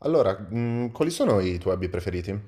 Allora, quali sono i tuoi hobby preferiti?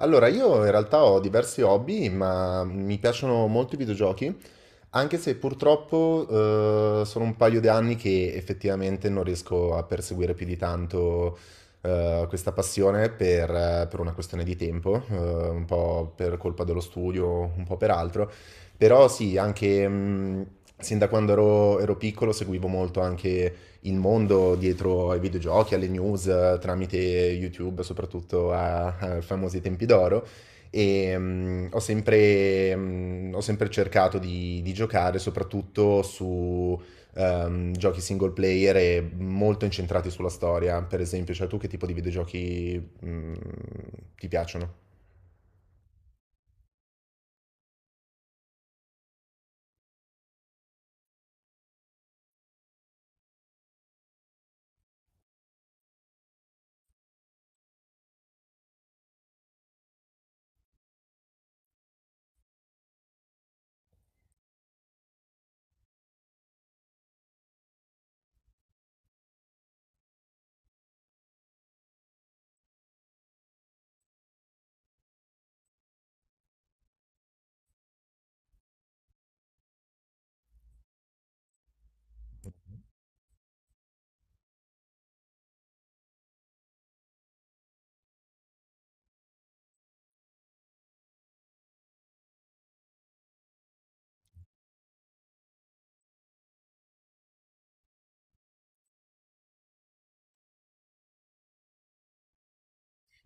Allora, io in realtà ho diversi hobby, ma mi piacciono molto i videogiochi, anche se purtroppo sono un paio di anni che effettivamente non riesco a perseguire più di tanto, questa passione per una questione di tempo, un po' per colpa dello studio, un po' per altro. Però sì, anche sin da quando ero piccolo, seguivo molto anche il mondo dietro ai videogiochi, alle news, tramite YouTube, soprattutto ai famosi tempi d'oro. E ho sempre cercato di giocare soprattutto su giochi single player e molto incentrati sulla storia. Per esempio, cioè tu che tipo di videogiochi ti piacciono?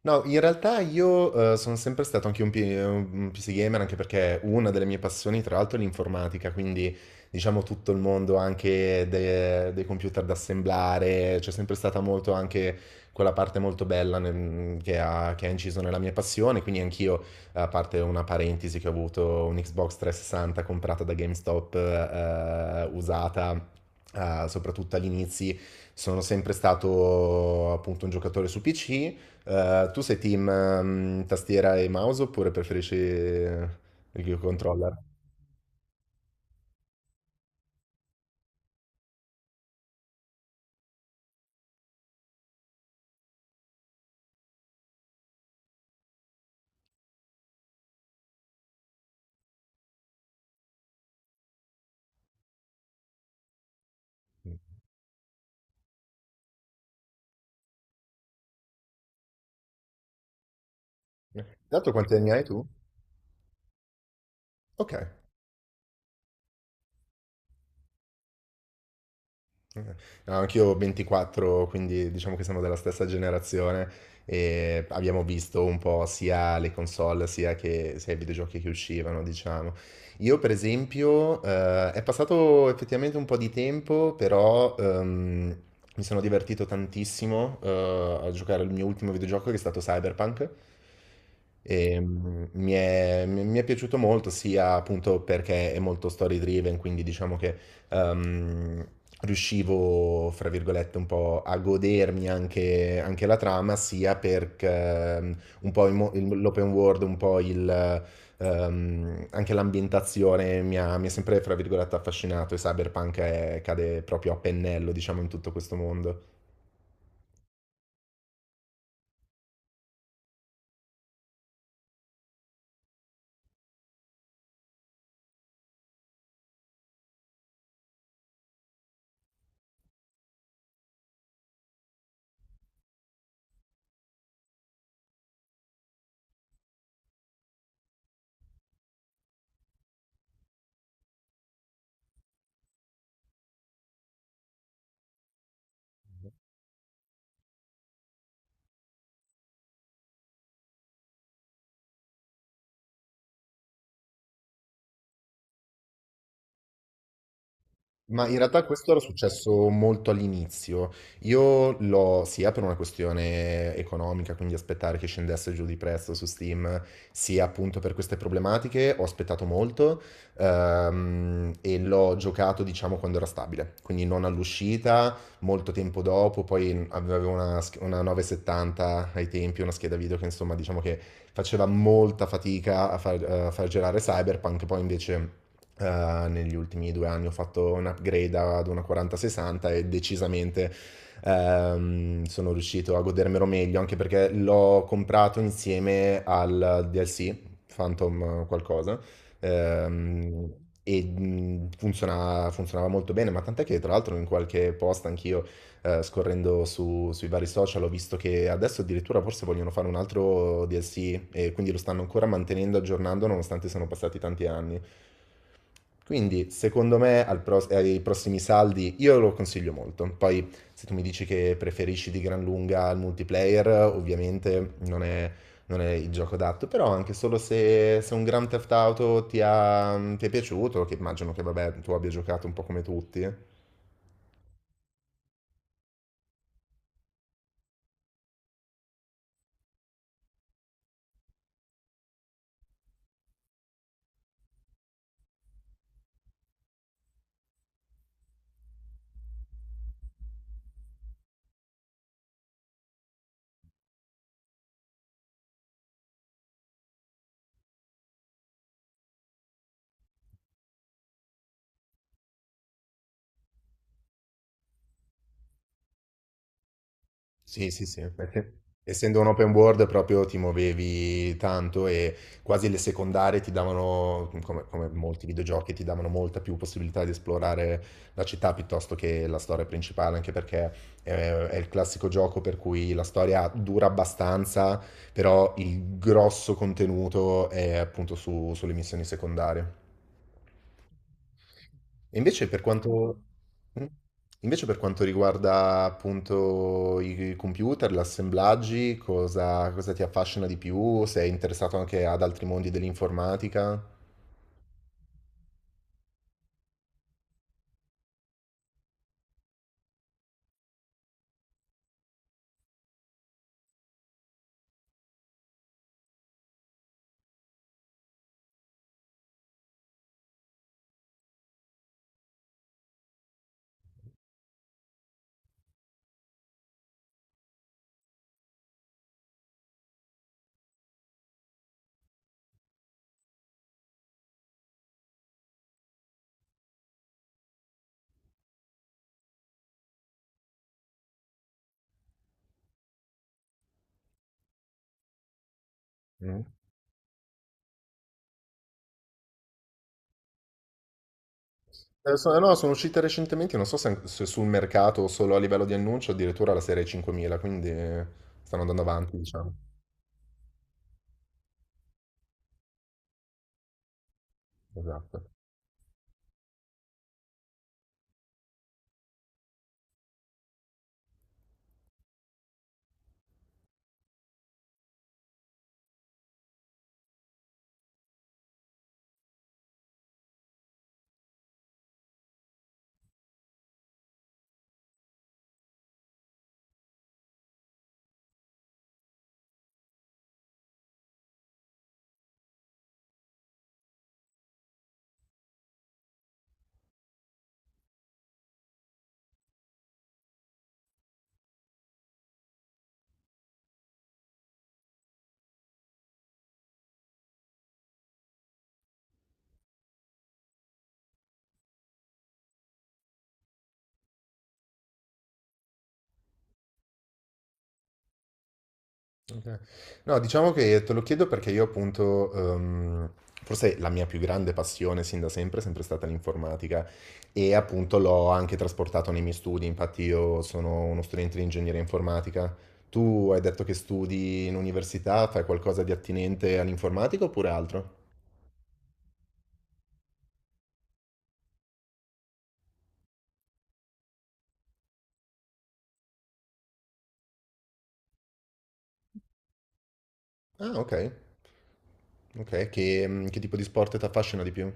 No, in realtà io sono sempre stato anche un PC gamer, anche perché una delle mie passioni, tra l'altro, è l'informatica, quindi diciamo tutto il mondo anche dei computer da assemblare. C'è sempre stata molto anche quella parte molto bella che ha inciso nella mia passione, quindi anch'io, a parte una parentesi che ho avuto un Xbox 360 comprata da GameStop, usata, soprattutto agli inizi, sono sempre stato appunto un giocatore su PC. Tu sei team tastiera e mouse oppure preferisci il controller? Dato quanti anni hai tu? Ok. Eh, No, anch'io ho 24, quindi diciamo che siamo della stessa generazione e abbiamo visto un po' sia le console sia i videogiochi che uscivano, diciamo. Io per esempio, è passato effettivamente un po' di tempo, però mi sono divertito tantissimo a giocare al mio ultimo videogioco, che è stato Cyberpunk. Mi è piaciuto molto sia appunto perché è molto story driven, quindi diciamo che ehm, riuscivo, fra virgolette, un po' a godermi anche la trama, sia perché un po' l'open world, un po' anche l'ambientazione mi ha sempre, fra virgolette, affascinato, e Cyberpunk cade proprio a pennello, diciamo, in tutto questo mondo. Ma in realtà questo era successo molto all'inizio. Io l'ho sia per una questione economica, quindi aspettare che scendesse giù di prezzo su Steam, sia appunto per queste problematiche, ho aspettato molto, e l'ho giocato, diciamo, quando era stabile, quindi non all'uscita, molto tempo dopo. Poi avevo una 970 ai tempi, una scheda video che, insomma, diciamo che faceva molta fatica a far girare Cyberpunk. Poi invece, negli ultimi due anni, ho fatto un upgrade ad una 4060 e decisamente sono riuscito a godermelo meglio, anche perché l'ho comprato insieme al DLC, Phantom qualcosa, ehm, e funzionava molto bene, ma tant'è che tra l'altro in qualche post anch'io, scorrendo sui vari social, ho visto che adesso addirittura forse vogliono fare un altro DLC, e quindi lo stanno ancora mantenendo aggiornando nonostante siano passati tanti anni. Quindi, secondo me, al ai prossimi saldi io lo consiglio molto. Poi, se tu mi dici che preferisci di gran lunga il multiplayer, ovviamente non è il gioco adatto. Però, anche solo se un Grand Theft Auto ti è piaciuto, che immagino che, vabbè, tu abbia giocato un po' come tutti. Sì, sì, sì, perché essendo un open world proprio ti muovevi tanto, e quasi le secondarie ti davano, come molti videogiochi, ti davano molta più possibilità di esplorare la città piuttosto che la storia principale, anche perché è il classico gioco per cui la storia dura abbastanza, però il grosso contenuto è appunto sulle missioni secondarie. E invece per Ecco. Mm. Invece, per quanto riguarda appunto i computer, gli assemblaggi, cosa ti affascina di più? Sei interessato anche ad altri mondi dell'informatica? Mm. No, sono uscite recentemente, non so se se sul mercato o solo a livello di annuncio, addirittura la serie 5000, quindi stanno andando avanti, diciamo. Esatto. Ok. No, diciamo che te lo chiedo perché io appunto, forse la mia più grande passione sin da sempre è sempre stata l'informatica, e appunto l'ho anche trasportato nei miei studi. Infatti io sono uno studente di ingegneria informatica. Tu hai detto che studi in università, fai qualcosa di attinente all'informatica oppure altro? Ah, ok, ok, che tipo di sport ti affascina di più?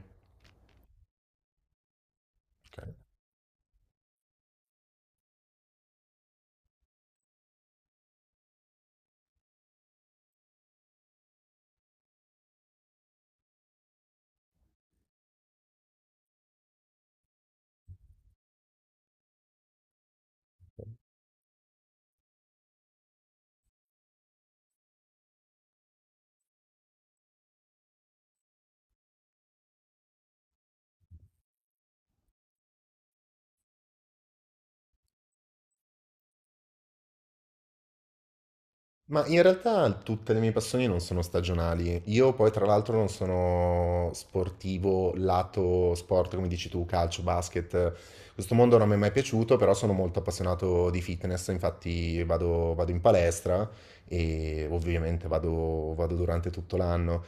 Ma in realtà tutte le mie passioni non sono stagionali. Io poi tra l'altro non sono sportivo lato sport, come dici tu, calcio, basket. Questo mondo non mi è mai piaciuto, però sono molto appassionato di fitness, infatti vado in palestra, e ovviamente vado durante tutto l'anno.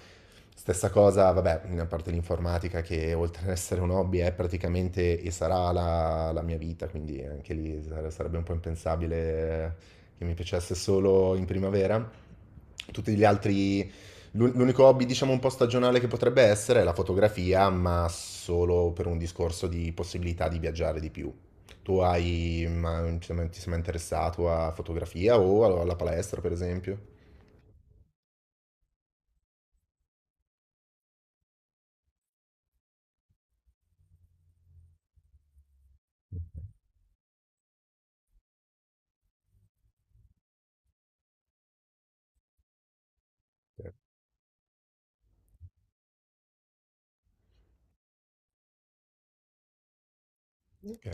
Stessa cosa, vabbè, a parte l'informatica, che oltre ad essere un hobby è praticamente e sarà la, la mia vita, quindi anche lì sarebbe un po' impensabile che mi piacesse solo in primavera. Tutti gli altri, l'unico hobby, diciamo, un po' stagionale che potrebbe essere è la fotografia, ma solo per un discorso di possibilità di viaggiare di più. Ti sei mai interessato a fotografia o alla palestra, per esempio? Ok.